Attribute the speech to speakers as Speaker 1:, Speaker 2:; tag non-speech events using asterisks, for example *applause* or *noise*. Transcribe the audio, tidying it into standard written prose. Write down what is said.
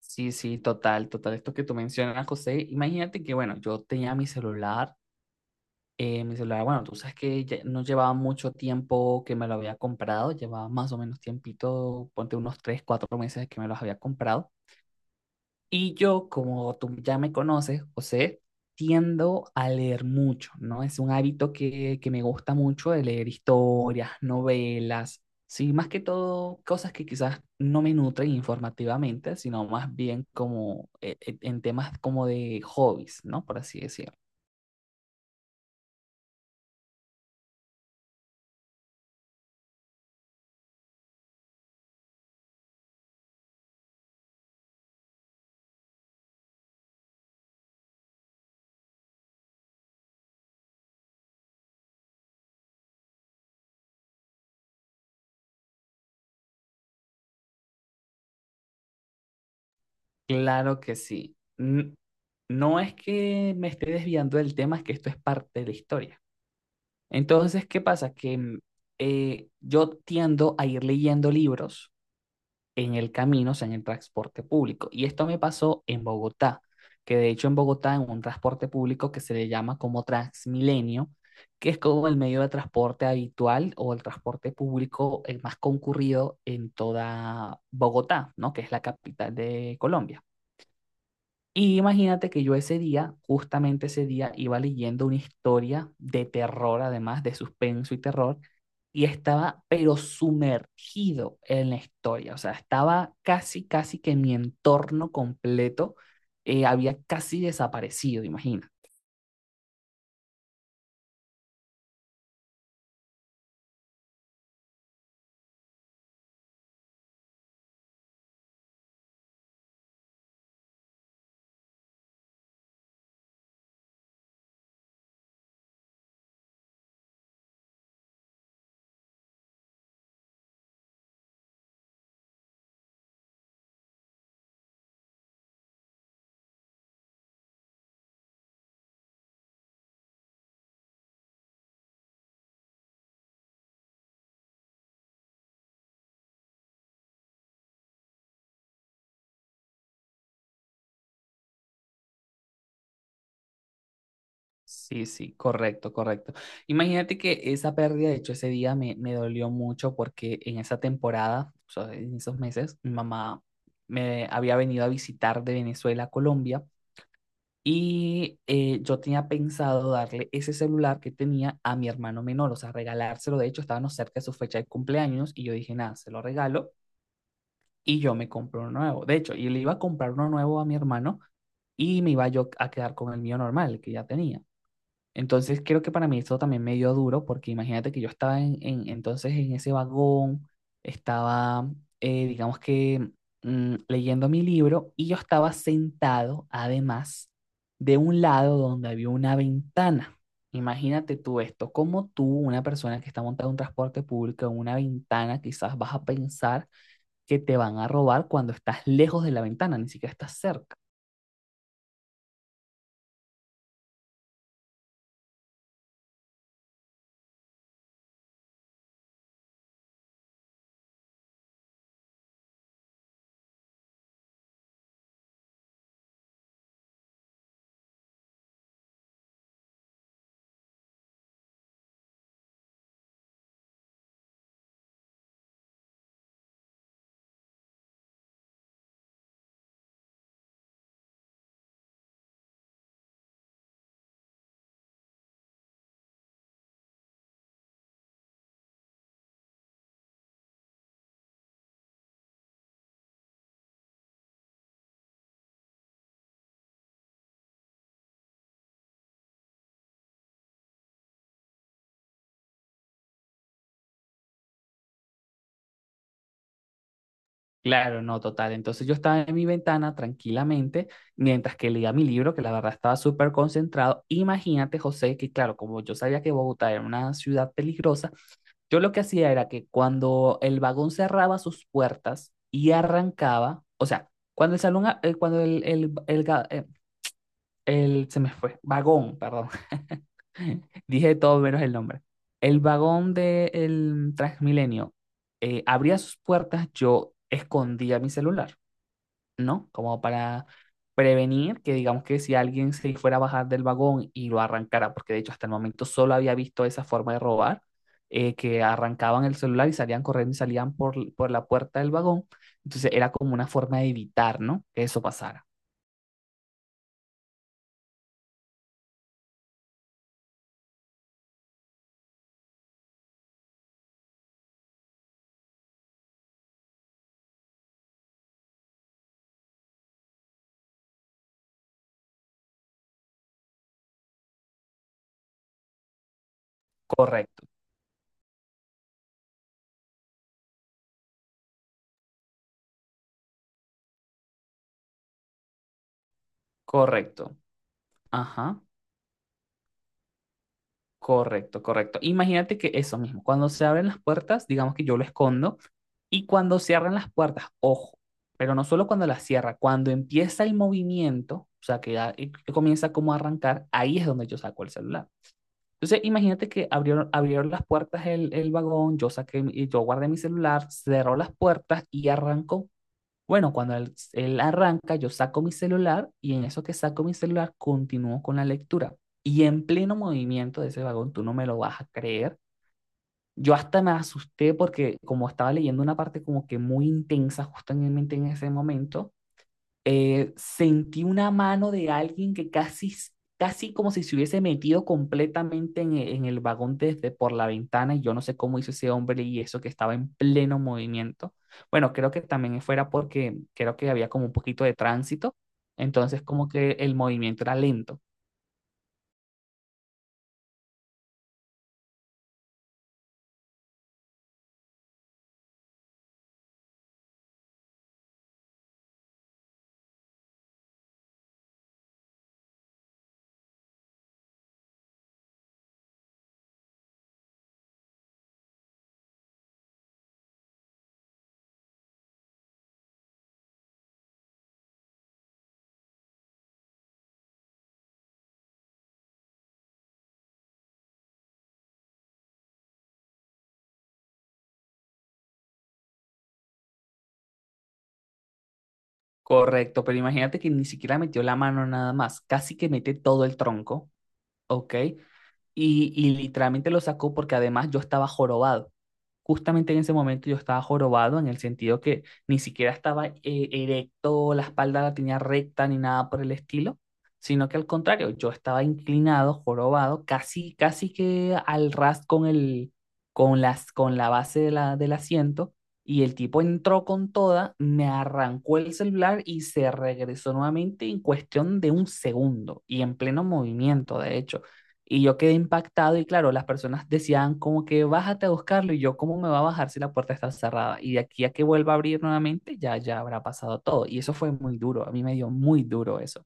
Speaker 1: Sí, sí, total, total. Esto que tú mencionas, José, imagínate que, bueno, yo tenía mi celular, bueno, tú sabes que ya no llevaba mucho tiempo que me lo había comprado, llevaba más o menos tiempito, ponte unos 3, 4 meses que me los había comprado. Y yo, como tú ya me conoces, José, tiendo a leer mucho, ¿no? Es un hábito que me gusta mucho de leer historias, novelas, sí, más que todo cosas que quizás no me nutren informativamente, sino más bien como en temas como de hobbies, ¿no? Por así decirlo. Claro que sí. No es que me esté desviando del tema, es que esto es parte de la historia. Entonces, ¿qué pasa? Yo tiendo a ir leyendo libros en el camino, o sea, en el transporte público. Y esto me pasó en Bogotá, que de hecho en Bogotá en un transporte público que se le llama como Transmilenio, que es como el medio de transporte habitual o el transporte público el más concurrido en toda Bogotá, ¿no? Que es la capital de Colombia. Y imagínate que yo ese día, justamente ese día, iba leyendo una historia de terror, además de suspenso y terror, y estaba pero sumergido en la historia, o sea, estaba casi, casi que mi entorno completo había casi desaparecido, imagina. Sí, sí, correcto, correcto. Imagínate que esa pérdida, de hecho, ese día me dolió mucho porque en esa temporada, o sea, en esos meses, mi mamá me había venido a visitar de Venezuela a Colombia. Y yo tenía pensado darle ese celular que tenía a mi hermano menor, o sea, regalárselo. De hecho, estábamos cerca de su fecha de cumpleaños y yo dije, nada, se lo regalo y yo me compro uno nuevo. De hecho, yo le iba a comprar uno nuevo a mi hermano y me iba yo a quedar con el mío normal, el que ya tenía. Entonces creo que para mí eso también me dio duro, porque imagínate que yo estaba entonces en ese vagón, estaba, digamos que leyendo mi libro y yo estaba sentado además de un lado donde había una ventana. Imagínate tú esto, como tú, una persona que está montada en un transporte público, en una ventana, quizás vas a pensar que te van a robar cuando estás lejos de la ventana, ni siquiera estás cerca. Claro, no, total. Entonces yo estaba en mi ventana tranquilamente mientras que leía mi libro, que la verdad estaba súper concentrado. Imagínate, José, que claro, como yo sabía que Bogotá era una ciudad peligrosa, yo lo que hacía era que cuando el vagón cerraba sus puertas y arrancaba, o sea, cuando el salón, a- cuando el, ga- el- se me fue, vagón, perdón, *laughs* dije todo menos el nombre. El vagón del Transmilenio abría sus puertas, yo escondía mi celular, ¿no? Como para prevenir que digamos que si alguien se fuera a bajar del vagón y lo arrancara, porque de hecho hasta el momento solo había visto esa forma de robar, que arrancaban el celular y salían corriendo y salían por la puerta del vagón, entonces era como una forma de evitar, ¿no? Que eso pasara. Correcto, correcto. Ajá. Correcto, correcto. Imagínate que eso mismo, cuando se abren las puertas, digamos que yo lo escondo, y cuando cierran las puertas, ojo, pero no solo cuando las cierra, cuando empieza el movimiento, o sea, que, ya, que comienza como a arrancar, ahí es donde yo saco el celular. Entonces, imagínate que abrieron, abrieron las puertas el vagón, yo guardé mi celular, cerró las puertas y arrancó. Bueno, cuando él arranca, yo saco mi celular y en eso que saco mi celular continúo con la lectura. Y en pleno movimiento de ese vagón, tú no me lo vas a creer. Yo hasta me asusté porque como estaba leyendo una parte como que muy intensa justamente en ese momento, sentí una mano de alguien que casi, casi como si se hubiese metido completamente en el vagón desde por la ventana y yo no sé cómo hizo ese hombre y eso que estaba en pleno movimiento. Bueno, creo que también fuera porque creo que había como un poquito de tránsito, entonces como que el movimiento era lento. Correcto, pero imagínate que ni siquiera metió la mano nada más, casi que mete todo el tronco, ¿ok? Y literalmente lo sacó porque además yo estaba jorobado. Justamente en ese momento yo estaba jorobado en el sentido que ni siquiera estaba erecto, la espalda la tenía recta ni nada por el estilo, sino que al contrario, yo estaba inclinado, jorobado, casi, casi que al ras con el, con las, con la base de la, del asiento y el tipo entró con toda, me arrancó el celular y se regresó nuevamente en cuestión de un segundo y en pleno movimiento, de hecho. Y yo quedé impactado y claro, las personas decían como que bájate a buscarlo y yo cómo me va a bajar si la puerta está cerrada. Y de aquí a que vuelva a abrir nuevamente, ya, ya habrá pasado todo. Y eso fue muy duro, a mí me dio muy duro eso.